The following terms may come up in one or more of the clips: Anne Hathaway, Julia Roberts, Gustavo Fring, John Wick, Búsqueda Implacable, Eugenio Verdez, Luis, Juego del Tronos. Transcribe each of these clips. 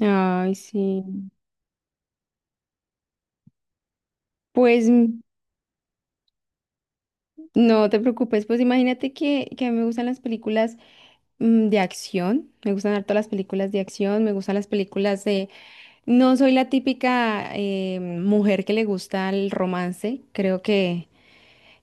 Ay, sí. Pues mm, no te preocupes, pues imagínate que a mí me gustan las películas de acción, me gustan harto las películas de acción, me gustan las películas de... No soy la típica mujer que le gusta el romance,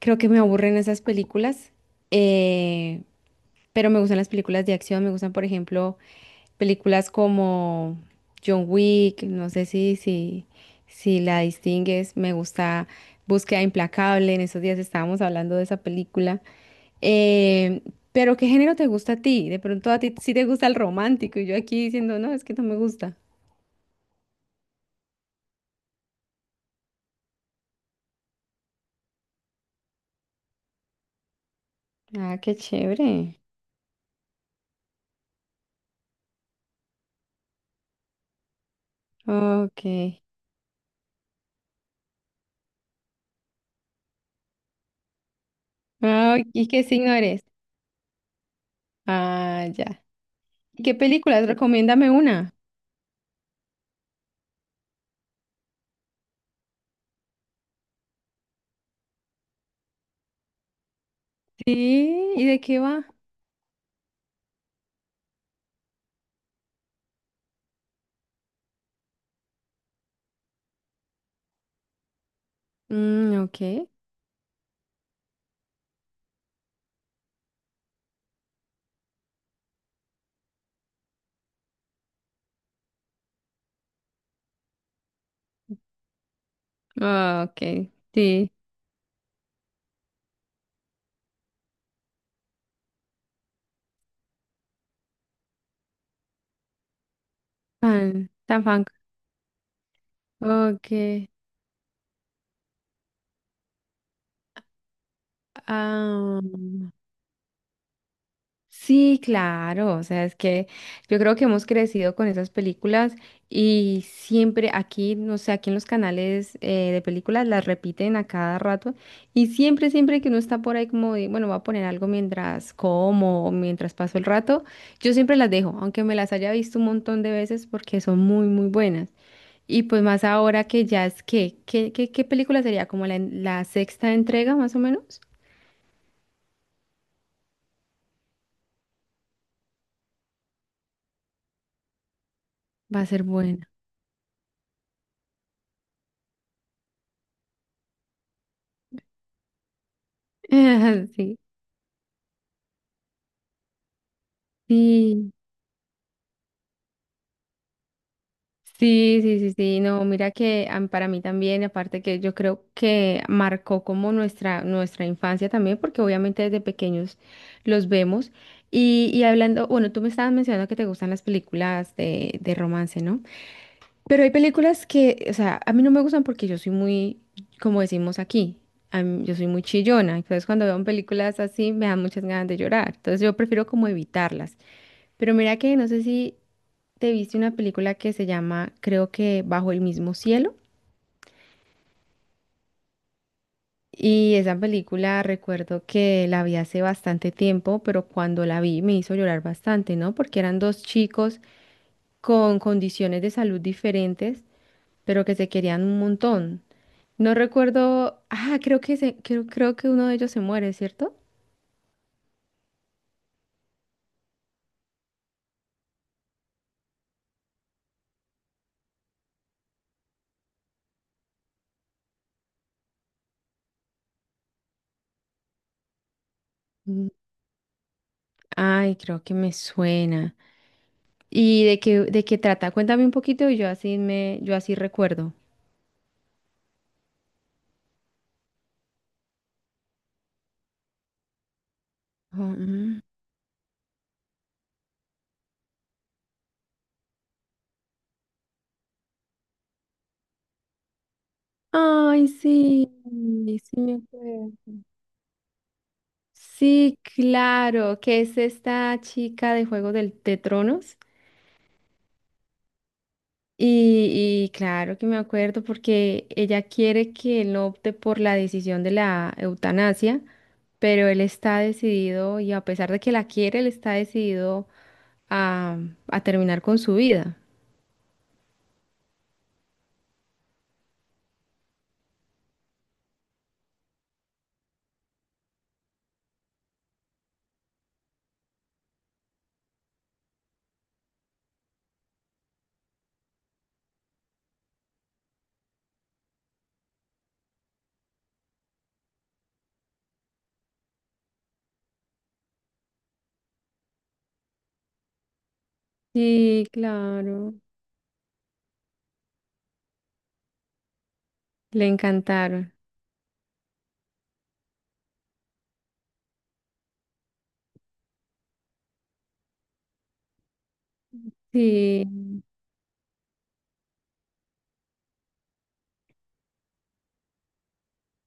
creo que me aburren esas películas. Eh, Pero me gustan las películas de acción, me gustan, por ejemplo, películas como John Wick, no sé si la distingues, me gusta Búsqueda Implacable, en esos días estábamos hablando de esa película. Eh, pero ¿qué género te gusta a ti? De pronto a ti sí te gusta el romántico y yo aquí diciendo, no, es que no me gusta. Ah, qué chévere. Ok. Ah, ¿y qué signo eres? Ah, ya. ¿Y qué películas? Recomiéndame una. Sí, ¿y de qué va? Mm, ok. Ah, ok, sí. Fan, tan fan. Ok. Ah, sí, claro. O sea, es que yo creo que hemos crecido con esas películas y siempre aquí, no sé, aquí en los canales de películas las repiten a cada rato y siempre, siempre que uno está por ahí como de, bueno, voy a poner algo mientras como o mientras paso el rato, yo siempre las dejo, aunque me las haya visto un montón de veces porque son muy, muy buenas. Y pues más ahora que ya es que, ¿ qué película sería? ¿Como la sexta entrega más o menos? Va a ser buena. Sí. Sí, sí. No, mira que a mí- para mí también, aparte que yo creo que marcó como nuestra, nuestra infancia también, porque obviamente desde pequeños los vemos. Y hablando, bueno, tú me estabas mencionando que te gustan las películas de romance, ¿no? Pero hay películas que, o sea, a mí no me gustan porque yo soy muy, como decimos aquí, a mí- yo soy muy chillona. Entonces, cuando veo películas así, me dan muchas ganas de llorar. Entonces, yo prefiero como evitarlas. Pero mira que no sé si te viste una película que se llama, creo que Bajo el mismo cielo. Y esa película recuerdo que la vi hace bastante tiempo, pero cuando la vi me hizo llorar bastante, ¿no? Porque eran dos chicos con condiciones de salud diferentes, pero que se querían un montón. No recuerdo. Ah, creo que se- creo que uno de ellos se muere, ¿cierto? Mm, Ay, creo que me suena. ¿Y de qué trata? Cuéntame un poquito y yo así me, yo así recuerdo. Oh, mm. Ay, sí, sí me acuerdo. Sí, claro, que es esta chica de de Tronos. Y claro que me acuerdo porque ella quiere que él opte por la decisión de la eutanasia, pero él está decidido y a pesar de que la quiere, él está decidido a, a terminar con su vida. Sí, claro, le encantaron. Sí.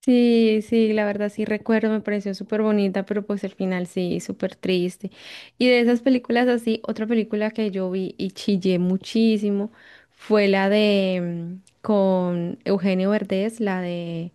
Sí, sí, la verdad sí recuerdo, me pareció súper bonita, pero pues el final sí, súper triste. Y de esas películas así, otra película que yo vi y chillé muchísimo fue la de con Eugenio Verdez, la de,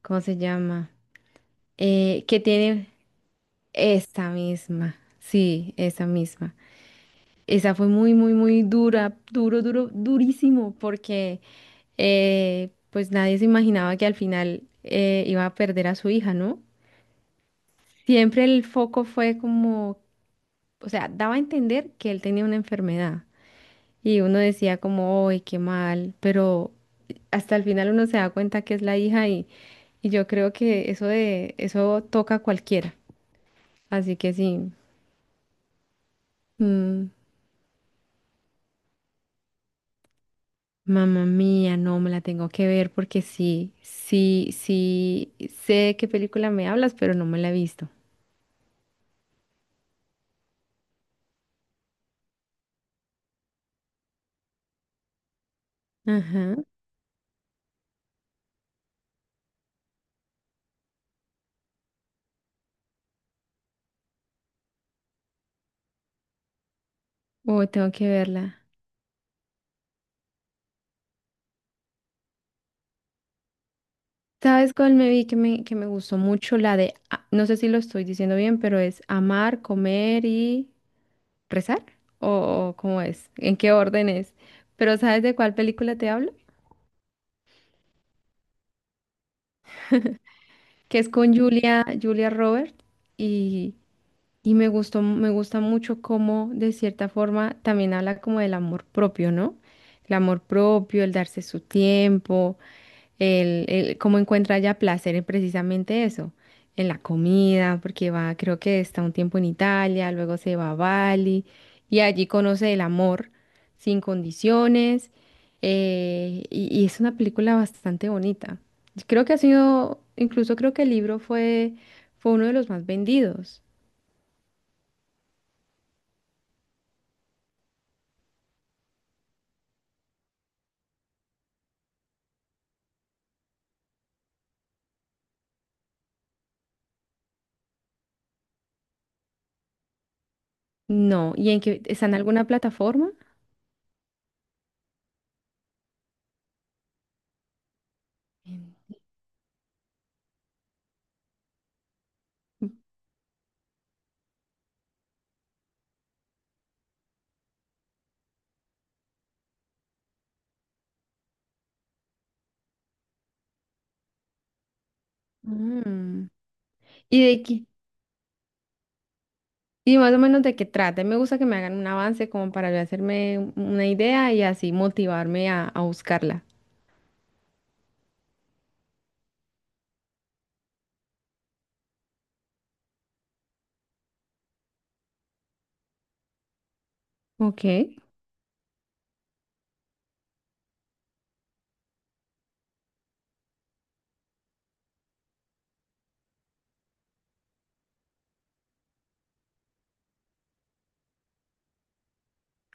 ¿cómo se llama? Que tiene esta misma, sí, esa misma. Esa fue muy, muy, muy dura, duro, duro, durísimo, porque pues nadie se imaginaba que al final iba a perder a su hija, ¿no? Siempre el foco fue como, o sea, daba a entender que él tenía una enfermedad y uno decía como, ¡ay, qué mal! Pero hasta el final uno se da cuenta que es la hija y yo creo que eso de eso toca a cualquiera. Así que sí, mm, mamá mía, no me la tengo que ver porque sí, sí, sí, sé de qué película me hablas, pero no me la he visto. Ajá. Uy, tengo que verla. ¿Sabes cuál me vi que me gustó mucho? La de, a- no sé si lo estoy diciendo bien, pero es amar, comer y rezar. ¿O cómo es? ¿En qué orden es? Pero ¿sabes de cuál película te hablo? Que es con Julia, Julia Roberts y, y me gustó, me gusta mucho cómo de cierta forma también habla como del amor propio, ¿no? El amor propio, el darse su tiempo. Cómo encuentra ella placer en precisamente eso, en la comida, porque va, creo que está un tiempo en Italia, luego se va a Bali y allí conoce el amor sin condiciones y es una película bastante bonita. Creo que ha sido, incluso creo que el libro fue, fue uno de los más vendidos. No, ¿y en qué, está en alguna plataforma? Mm. ¿Y de qué? Y más o menos de qué trata. Me gusta que me hagan un avance como para yo hacerme un- una idea y así motivarme a buscarla. Ok.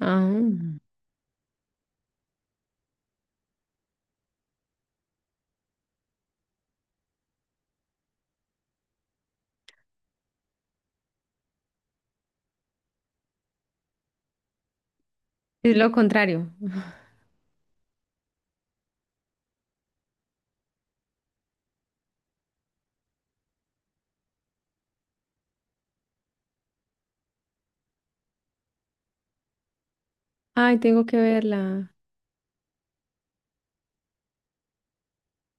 Ah, es lo contrario. Ay, tengo que verla.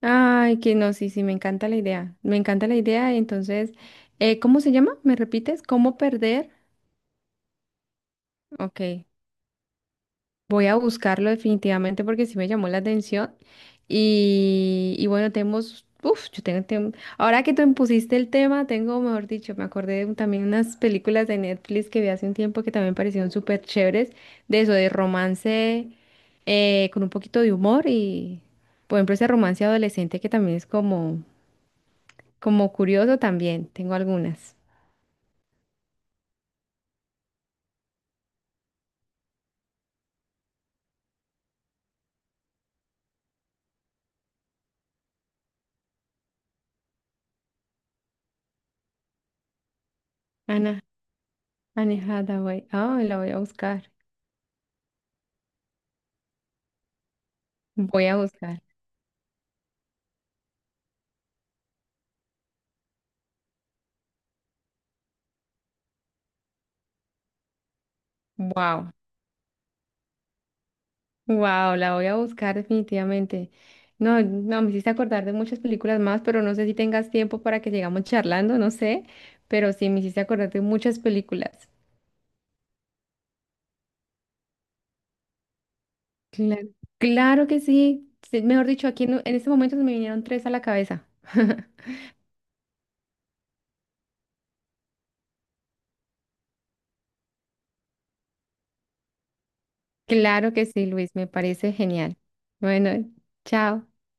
Ay, que no, sí, sí, me encanta la idea. Me encanta la idea. Entonces, ¿cómo se llama? ¿Me repites? ¿Cómo perder? Ok. Voy a buscarlo definitivamente porque sí me llamó la atención. Y bueno, tenemos, uf, yo tengo, tem- ahora que tú me pusiste el tema, tengo, mejor dicho, me acordé de un- también unas películas de Netflix que vi hace un tiempo que también parecieron súper chéveres, de eso, de romance con un poquito de humor y, por ejemplo, ese romance adolescente que también es como, como curioso también, tengo algunas. Ana, Anne Hathaway, ah, la voy a buscar, voy a buscar. Wow. Wow, la voy a buscar definitivamente. No, no, me hiciste acordar de muchas películas más, pero no sé si tengas tiempo para que sigamos charlando, no sé, pero sí me hiciste acordar de muchas películas. Claro, claro que sí. Sí, mejor dicho, aquí en este momento se me vinieron 3 a la cabeza. Claro que sí, Luis, me parece genial. Bueno, chao.